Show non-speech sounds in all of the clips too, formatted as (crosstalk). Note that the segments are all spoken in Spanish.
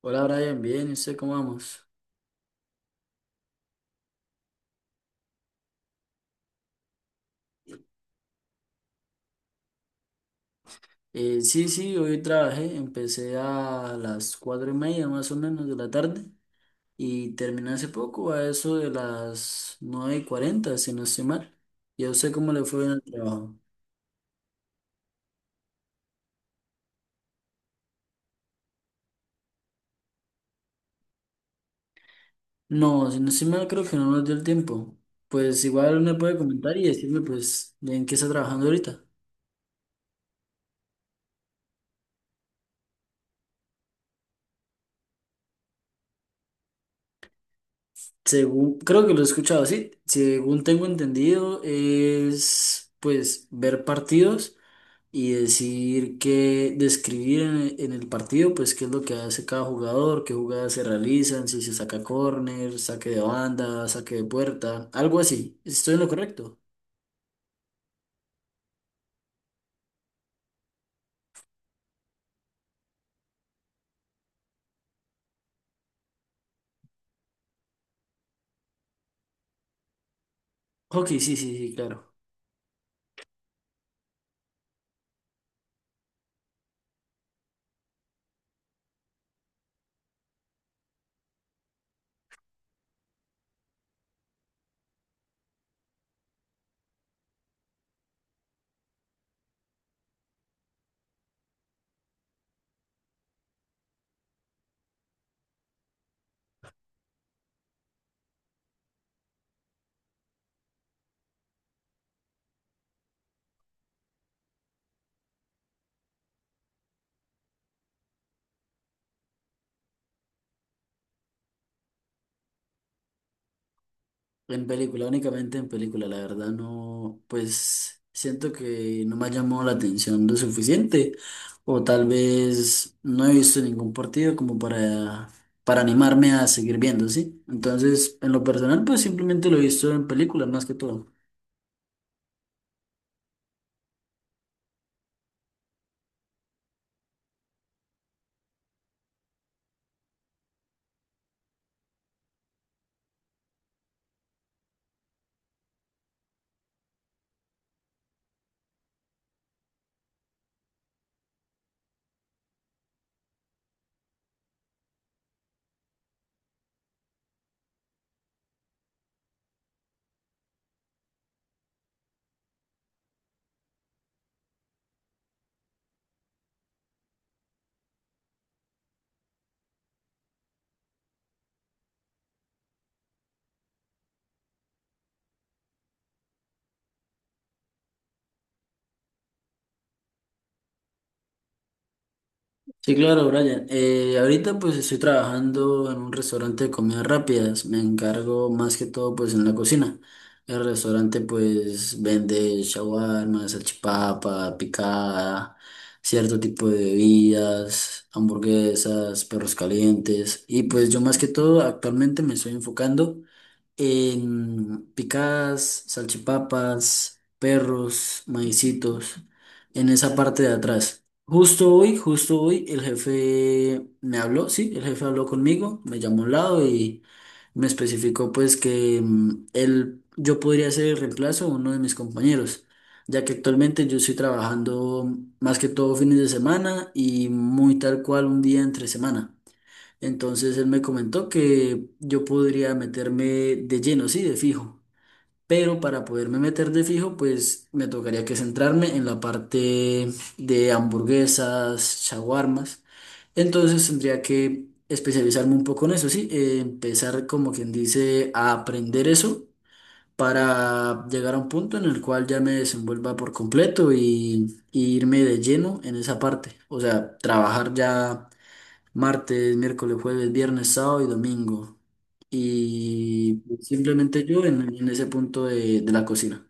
Hola Brian, bien, ¿y usted cómo vamos? Sí, sí, hoy trabajé, empecé a las 4:30 más o menos de la tarde y terminé hace poco, a eso de las 9:40, si no estoy mal. ¿Y a usted cómo le fue en el trabajo? No, si no estoy mal, creo que no nos dio el tiempo. Pues igual me puede comentar y decirme, pues, en qué está trabajando ahorita. Según, creo que lo he escuchado así, según tengo entendido, es pues ver partidos y decir que, describir en el partido, pues qué es lo que hace cada jugador, qué jugadas se realizan, si se saca córner, saque de banda, saque de puerta, algo así. ¿Estoy en lo correcto? Ok, sí, sí, sí, claro. En película, únicamente en película, la verdad no, pues siento que no me ha llamado la atención lo suficiente o tal vez no he visto ningún partido como para animarme a seguir viendo, ¿sí? Entonces, en lo personal, pues simplemente lo he visto en película más que todo. Sí, claro, Brian. Ahorita pues estoy trabajando en un restaurante de comidas rápidas. Me encargo más que todo pues en la cocina. El restaurante pues vende shawarma, salchipapa, picada, cierto tipo de bebidas, hamburguesas, perros calientes. Y pues yo más que todo actualmente me estoy enfocando en picadas, salchipapas, perros, maicitos, en esa parte de atrás. Justo hoy, el jefe me habló, sí, el jefe habló conmigo, me llamó a un lado y me especificó pues que él, yo podría ser el reemplazo de uno de mis compañeros, ya que actualmente yo estoy trabajando más que todo fines de semana y muy tal cual un día entre semana. Entonces él me comentó que yo podría meterme de lleno, sí, de fijo. Pero para poderme meter de fijo, pues me tocaría que centrarme en la parte de hamburguesas, shawarmas. Entonces tendría que especializarme un poco en eso, sí. Empezar, como quien dice, a aprender eso para llegar a un punto en el cual ya me desenvuelva por completo y irme de lleno en esa parte. O sea, trabajar ya martes, miércoles, jueves, viernes, sábado y domingo. Y pues, simplemente yo en ese punto de la cocina.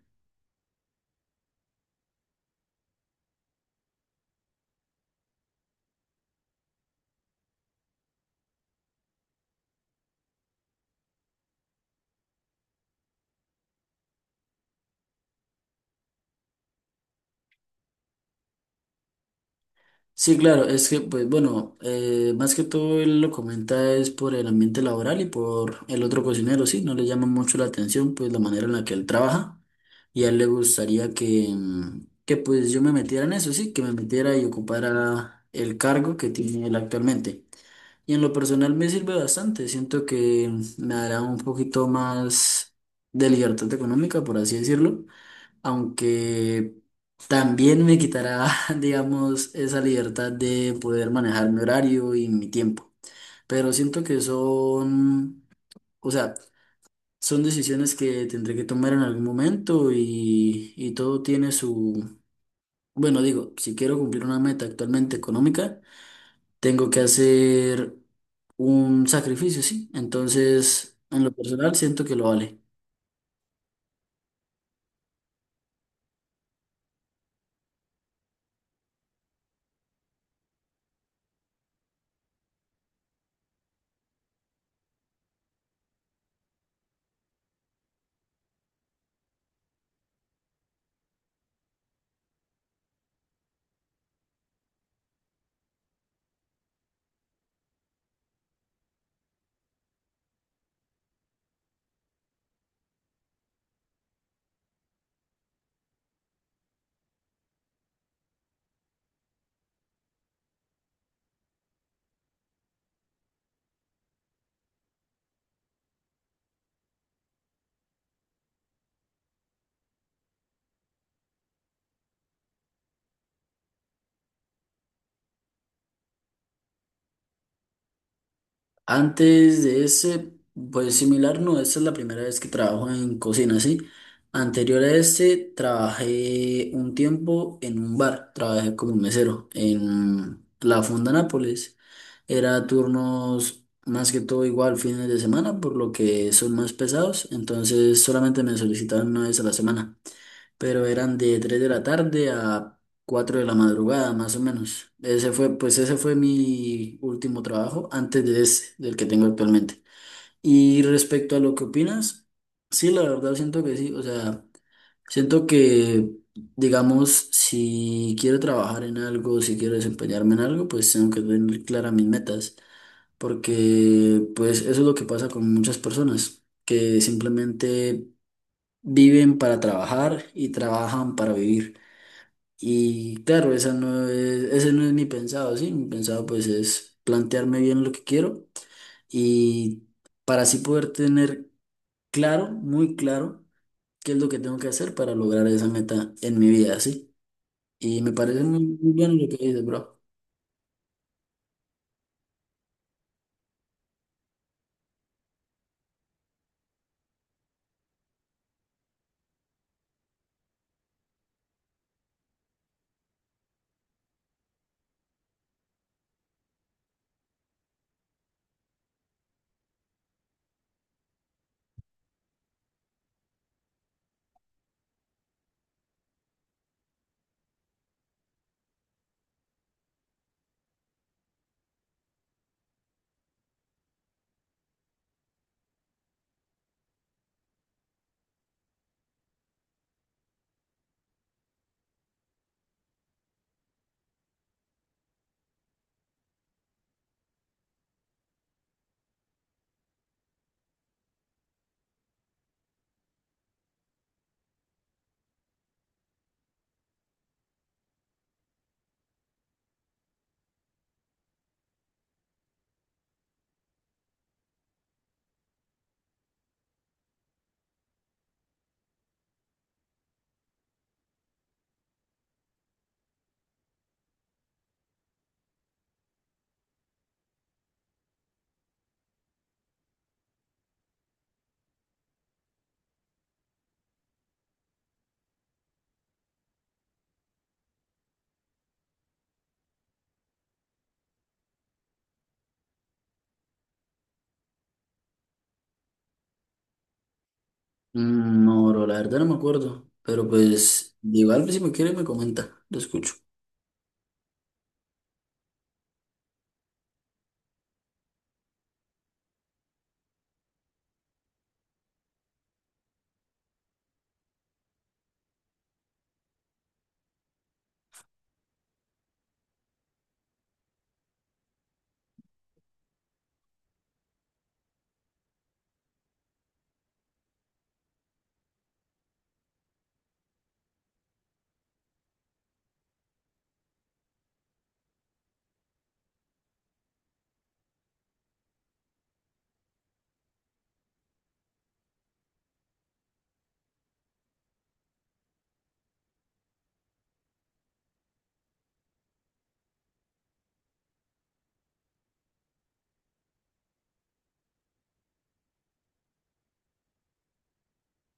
Sí, claro, es que, pues bueno, más que todo él lo comenta es por el ambiente laboral y por el otro cocinero, sí, no le llama mucho la atención, pues la manera en la que él trabaja y a él le gustaría que pues yo me metiera en eso, sí, que me metiera y ocupara el cargo que tiene él actualmente. Y en lo personal me sirve bastante, siento que me dará un poquito más de libertad económica, por así decirlo, aunque también me quitará, (laughs) digamos, esa libertad de poder manejar mi horario y mi tiempo. Pero siento que son, o sea, son decisiones que tendré que tomar en algún momento y todo tiene su, bueno, digo, si quiero cumplir una meta actualmente económica, tengo que hacer un sacrificio, sí. Entonces, en lo personal, siento que lo vale. Antes de ese, pues similar, no, esta es la primera vez que trabajo en cocina, ¿sí? Anterior a este, trabajé un tiempo en un bar, trabajé como mesero en la Fonda Nápoles. Era turnos más que todo igual fines de semana, por lo que son más pesados, entonces solamente me solicitaban una vez a la semana, pero eran de 3 de la tarde a 4 de la madrugada, más o menos. Ese fue, pues ese fue mi último trabajo antes de ese, del que tengo actualmente. Y respecto a lo que opinas, sí, la verdad siento que sí, o sea. Siento que, digamos, si quiero trabajar en algo, si quiero desempeñarme en algo, pues tengo que tener claras mis metas, porque pues eso es lo que pasa con muchas personas, que simplemente viven para trabajar y trabajan para vivir. Y claro, esa no es, ese no es mi pensado, ¿sí? Mi pensado pues es plantearme bien lo que quiero y para así poder tener claro, muy claro qué es lo que tengo que hacer para lograr esa meta en mi vida, ¿sí? Y me parece muy, muy bien lo que dices, bro. No, bro, la verdad no me acuerdo, pero pues igual si me quiere me comenta, lo escucho.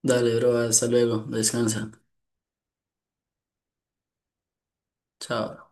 Dale, bro, hasta luego, descansa, chao.